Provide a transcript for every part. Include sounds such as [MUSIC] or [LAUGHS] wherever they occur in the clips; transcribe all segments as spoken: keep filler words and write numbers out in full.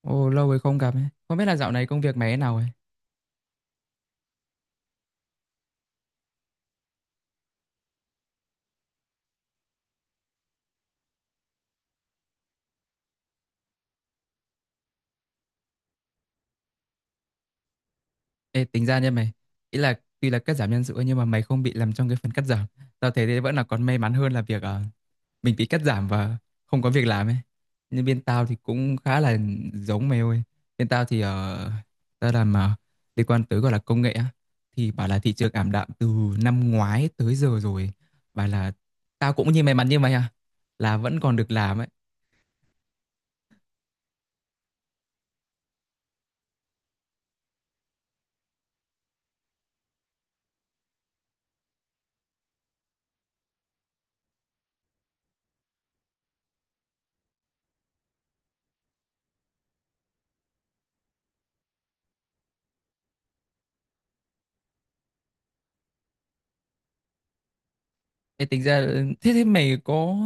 Ồ, lâu rồi không gặp ấy. Không biết là dạo này công việc mày thế nào ấy. Ê, tính ra nha mày. Ý là tuy là cắt giảm nhân sự ấy, nhưng mà mày không bị làm trong cái phần cắt giảm. Tao thấy thế vẫn là còn may mắn hơn là việc ờ, mình bị cắt giảm và không có việc làm ấy. Nhưng bên tao thì cũng khá là giống mày ơi. Bên tao thì ờ, tao làm uh, liên quan tới gọi là công nghệ á. Thì bảo là thị trường ảm đạm từ năm ngoái tới giờ rồi. Bảo là tao cũng như may mắn như mày à. Là vẫn còn được làm ấy. Ê, tính ra thế thế mày có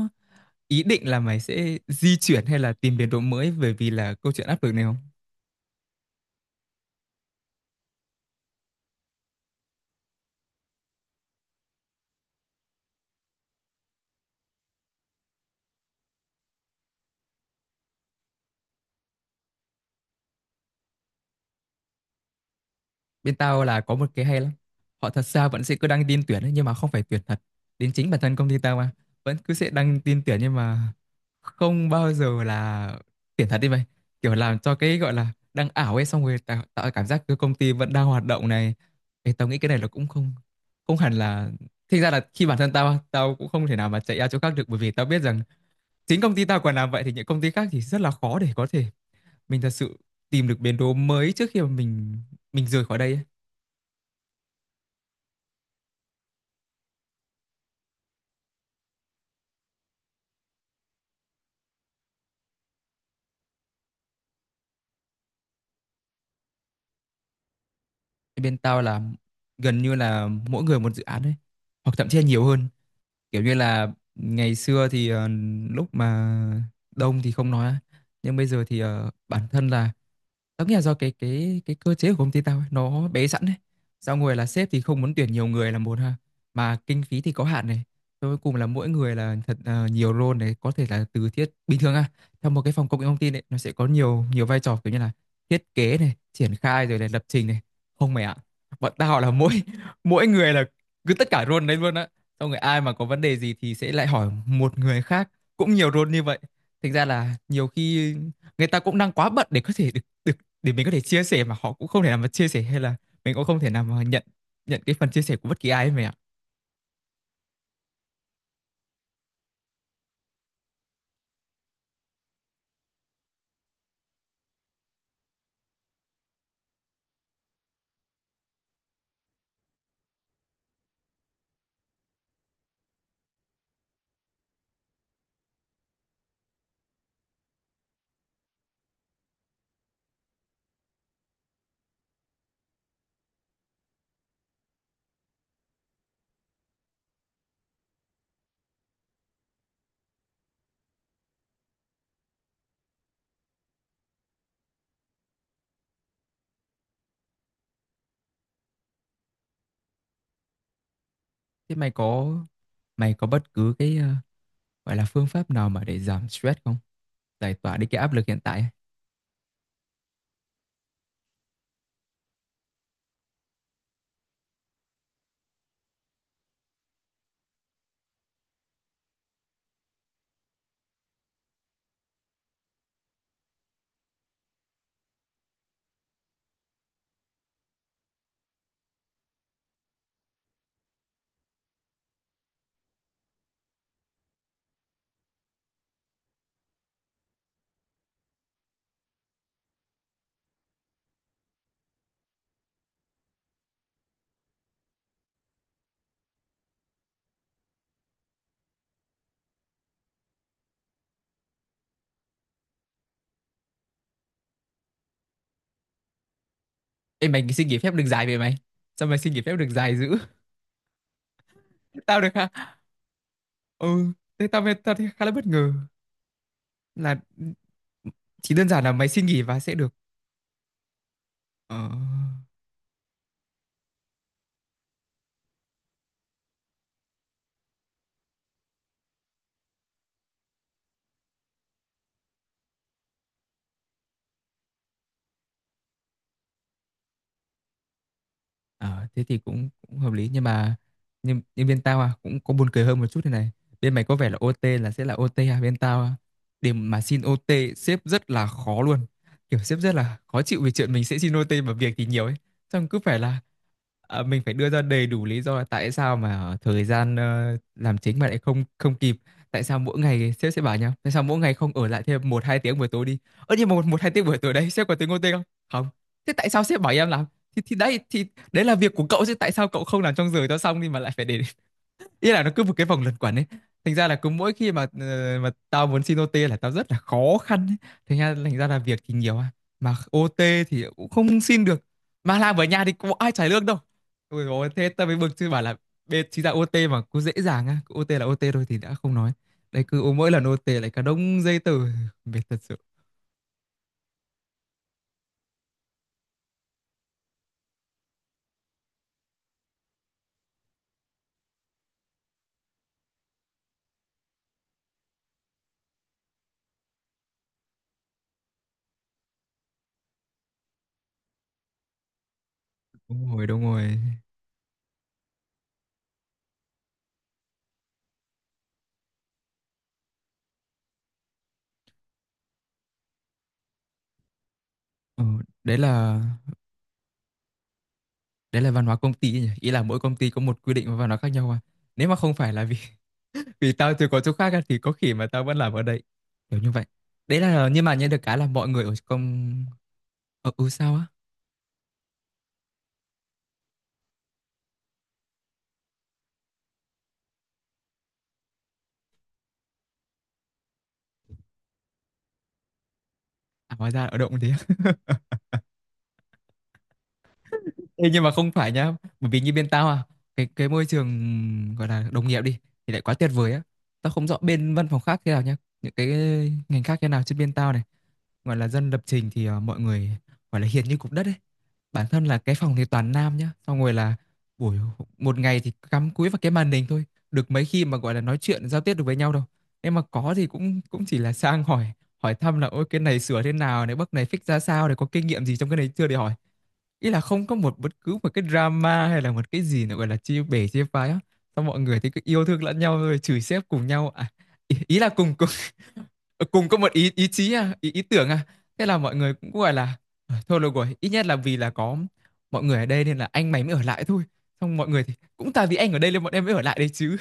ý định là mày sẽ di chuyển hay là tìm biến đổi mới bởi vì là câu chuyện áp lực này không? Bên tao là có một cái hay lắm. Họ thật ra vẫn sẽ cứ đăng tin tuyển ấy, nhưng mà không phải tuyển thật. Đến chính bản thân công ty tao mà vẫn cứ sẽ đăng tin tuyển nhưng mà không bao giờ là tuyển thật đi mày. Kiểu làm cho cái gọi là đăng ảo ấy xong rồi tạo, tạo cảm giác cái công ty vẫn đang hoạt động này. Ê, tao nghĩ cái này là cũng không không hẳn là thực ra là khi bản thân tao tao cũng không thể nào mà chạy ra chỗ khác được bởi vì tao biết rằng chính công ty tao còn làm vậy thì những công ty khác thì rất là khó để có thể mình thật sự tìm được biến đố mới trước khi mà mình mình rời khỏi đây ấy. Thì bên tao là gần như là mỗi người một dự án ấy hoặc thậm chí là nhiều hơn, kiểu như là ngày xưa thì ờ, lúc mà đông thì không nói á. Nhưng bây giờ thì ờ, bản thân là tớ nghĩ là do cái cái cái cơ chế của công ty tao ấy, nó bé sẵn đấy. Xong rồi là sếp thì không muốn tuyển nhiều người là một ha, mà kinh phí thì có hạn này. Rồi cuối cùng là mỗi người là thật ờ, nhiều role này, có thể là từ thiết bình thường à, theo một cái phòng công nghệ thông tin ấy, nó sẽ có nhiều nhiều vai trò kiểu như là thiết kế này, triển khai rồi này, lập trình này. Không mày ạ. Bọn tao là mỗi [LAUGHS] mỗi người là cứ tất cả role đấy luôn á. Xong rồi ai mà có vấn đề gì thì sẽ lại hỏi một người khác cũng nhiều role như vậy. Thành ra là nhiều khi người ta cũng đang quá bận để có thể được để mình có thể chia sẻ mà họ cũng không thể nào mà chia sẻ hay là mình cũng không thể nào mà nhận nhận cái phần chia sẻ của bất kỳ ai ấy mày ạ. Thế mày có mày có bất cứ cái ờ, gọi là phương pháp nào mà để giảm stress không? Giải tỏa đi cái áp lực hiện tại ấy. Ê mày xin nghỉ phép được dài về mày. Sao mày xin nghỉ phép được dài dữ? [LAUGHS] Tao được hả? Ừ, thế tao tao thấy khá là bất ngờ là chỉ đơn giản là mày xin nghỉ và sẽ được ờ, Ờ, thế thì cũng cũng hợp lý nhưng mà nhưng, nhưng bên tao à cũng có buồn cười hơn một chút thế này, bên mày có vẻ là ô tê là sẽ là ô tê à, bên tao à, để mà xin ô tê sếp rất là khó luôn, kiểu sếp rất là khó chịu vì chuyện mình sẽ xin ô tê mà việc thì nhiều ấy, xong cứ phải là à, mình phải đưa ra đầy đủ lý do là tại sao mà thời gian ờ, làm chính mà lại không không kịp, tại sao mỗi ngày sếp sẽ bảo nhau tại sao mỗi ngày không ở lại thêm một hai tiếng buổi tối đi, ơ nhưng mà một một hai tiếng buổi tối đấy sếp có tính ô tê không? Không. Thế tại sao sếp bảo em làm? Thì thì đấy thì đấy là việc của cậu chứ tại sao cậu không làm trong giờ cho xong đi mà lại phải để [LAUGHS] ý là nó cứ một cái vòng luẩn quẩn ấy, thành ra là cứ mỗi khi mà ờ, mà tao muốn xin ô tê là tao rất là khó khăn ấy. thành ra thành ra là việc thì nhiều à mà ô tê thì cũng không xin được, mà làm ở nhà thì có ai trả lương đâu. Ôi dồi ôi, thế tao mới bực chứ bảo là bên chính ra ô tê mà cứ dễ dàng á, cứ ô tê là ô tê thôi thì đã không nói, đây cứ mỗi lần ô tê lại cả đống giấy tờ, mệt thật sự. Đúng rồi đúng rồi Ờ, đấy là đấy là văn hóa công ty nhỉ, ý là mỗi công ty có một quy định và văn hóa khác nhau à, nếu mà không phải là vì [LAUGHS] vì tao từ có chỗ khác à, thì có khi mà tao vẫn làm ở đây kiểu như vậy, đấy là nhưng mà nhận được cái là mọi người ở công, ở ừ, sao á, à hóa ra ở động thế. [LAUGHS] Ê, nhưng mà không phải nhá, bởi vì như bên tao à, cái cái môi trường gọi là đồng nghiệp đi thì lại quá tuyệt vời á. Tao không rõ bên văn phòng khác thế nào nhá, những cái ngành khác thế nào, trên bên tao này gọi là dân lập trình thì ờ, mọi người gọi là hiền như cục đất ấy, bản thân là cái phòng thì toàn nam nhá, xong rồi là buổi một ngày thì cắm cúi vào cái màn hình thôi, được mấy khi mà gọi là nói chuyện giao tiếp được với nhau đâu, em mà có thì cũng cũng chỉ là sang hỏi, hỏi thăm là ôi cái này sửa thế nào này, bước này fix ra sao, để có kinh nghiệm gì trong cái này chưa để hỏi, ý là không có một bất cứ một cái drama hay là một cái gì nữa gọi là chia bể chia phái á, xong mọi người thì cứ yêu thương lẫn nhau rồi chửi sếp cùng nhau à, ý, ý là cùng cùng Ờ, cùng có một ý ý chí à, ý ý tưởng à, thế là mọi người cũng gọi là "Ờ, thôi được rồi, ít nhất là vì là có mọi người ở đây nên là anh mày mới ở lại thôi", xong mọi người thì cũng tại vì anh ở đây nên bọn em mới ở lại đây chứ.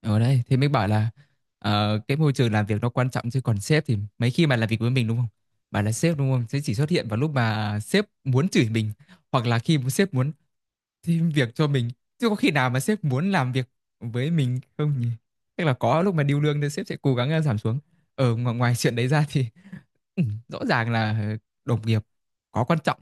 Ở đây thì mình bảo là ờ, cái môi trường làm việc nó quan trọng, chứ còn sếp thì mấy khi mà làm việc với mình đúng không, bạn là sếp đúng không sẽ chỉ xuất hiện vào lúc mà sếp muốn chửi mình, hoặc là khi sếp muốn thêm việc cho mình, chứ có khi nào mà sếp muốn làm việc với mình không nhỉ, tức là có lúc mà điêu lương thì sếp sẽ cố gắng ờ, giảm xuống. Ở ngoài, ngoài chuyện đấy ra thì [LAUGHS] ừ, rõ ràng là ờ, đồng nghiệp có quan trọng.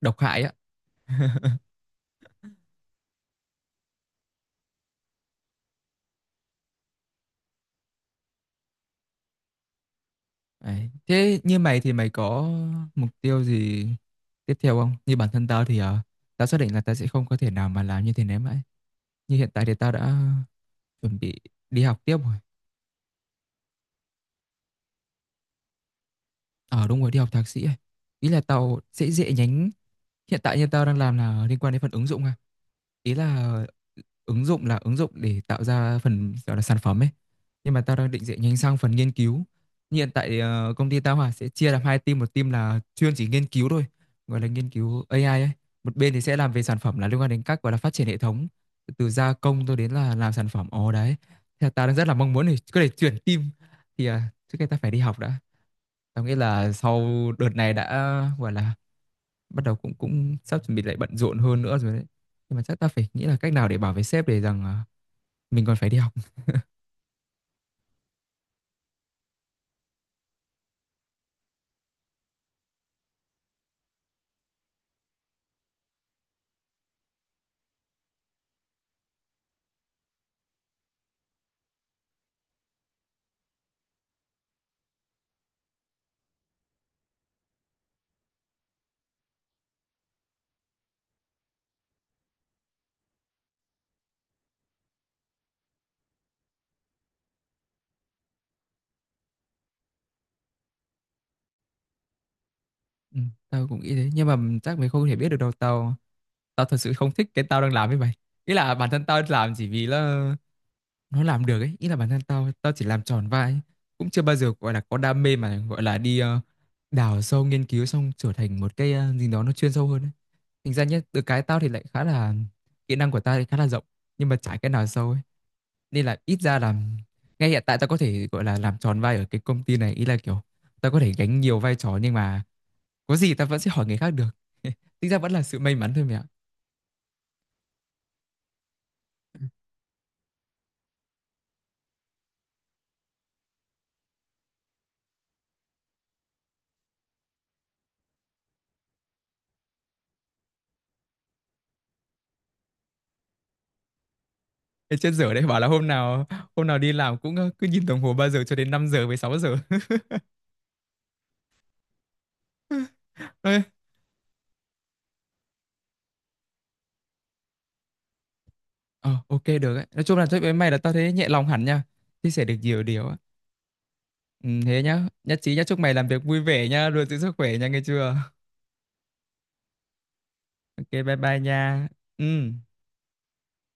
Độc hại á, đấy. Thế như mày thì mày có mục tiêu gì tiếp theo không, như bản thân tao thì ờ, tao xác định là tao sẽ không có thể nào mà làm như thế này mãi, như hiện tại thì tao đã chuẩn bị đi học tiếp rồi. Ờ đúng rồi, đi học thạc sĩ ấy. Ý là tao sẽ dễ nhánh. Hiện tại như tao đang làm là liên quan đến phần ứng dụng à. Ý là ứng dụng là ứng dụng để tạo ra phần gọi là sản phẩm ấy. Nhưng mà tao đang định chuyển nhanh sang phần nghiên cứu. Như hiện tại ờ, công ty tao à, sẽ chia làm hai team, một team là chuyên chỉ nghiên cứu thôi, gọi là nghiên cứu a i ấy. Một bên thì sẽ làm về sản phẩm là liên quan đến các gọi là phát triển hệ thống từ gia công cho đến là làm sản phẩm. Ồ đấy. Thì tao đang rất là mong muốn để có thể chuyển team, thì à, trước kia tao phải đi học đã. Tao nghĩ là sau đợt này đã gọi là bắt đầu cũng cũng sắp chuẩn bị lại bận rộn hơn nữa rồi đấy, nhưng mà chắc ta phải nghĩ là cách nào để bảo với sếp để rằng à, mình còn phải đi học. Ừ, tao cũng nghĩ thế nhưng mà chắc mày không thể biết được đâu, tao tao thật sự không thích cái tao đang làm với mày, ý là bản thân tao làm chỉ vì là nó làm được ấy, ý là bản thân tao tao chỉ làm tròn vai ấy. Cũng chưa bao giờ gọi là có đam mê mà gọi là đi ờ, đào sâu nghiên cứu xong trở thành một cái ờ, gì đó nó chuyên sâu hơn ấy. Thành ra nhé từ cái tao thì lại khá là, kỹ năng của tao thì khá là rộng nhưng mà chả cái nào sâu ấy, nên là ít ra là ngay hiện tại tao có thể gọi là làm tròn vai ở cái công ty này, ý là kiểu tao có thể gánh nhiều vai trò nhưng mà có gì tao vẫn sẽ hỏi người khác được. [LAUGHS] Tính ra vẫn là sự may mắn thôi mẹ ạ. Thế chết dở đấy, bảo là hôm nào hôm nào đi làm cũng ờ, cứ nhìn đồng hồ ba giờ cho đến năm giờ với sáu giờ. [LAUGHS] Ê, ờ, ok được ấy. Nói chung là chúc với mày là tao thấy nhẹ lòng hẳn nha, chia sẻ được nhiều điều á. Ừ, thế nhá nhất trí nhá, chúc mày làm việc vui vẻ nha, luôn giữ sức khỏe nha nghe chưa. Ok bye bye nha. Ừ.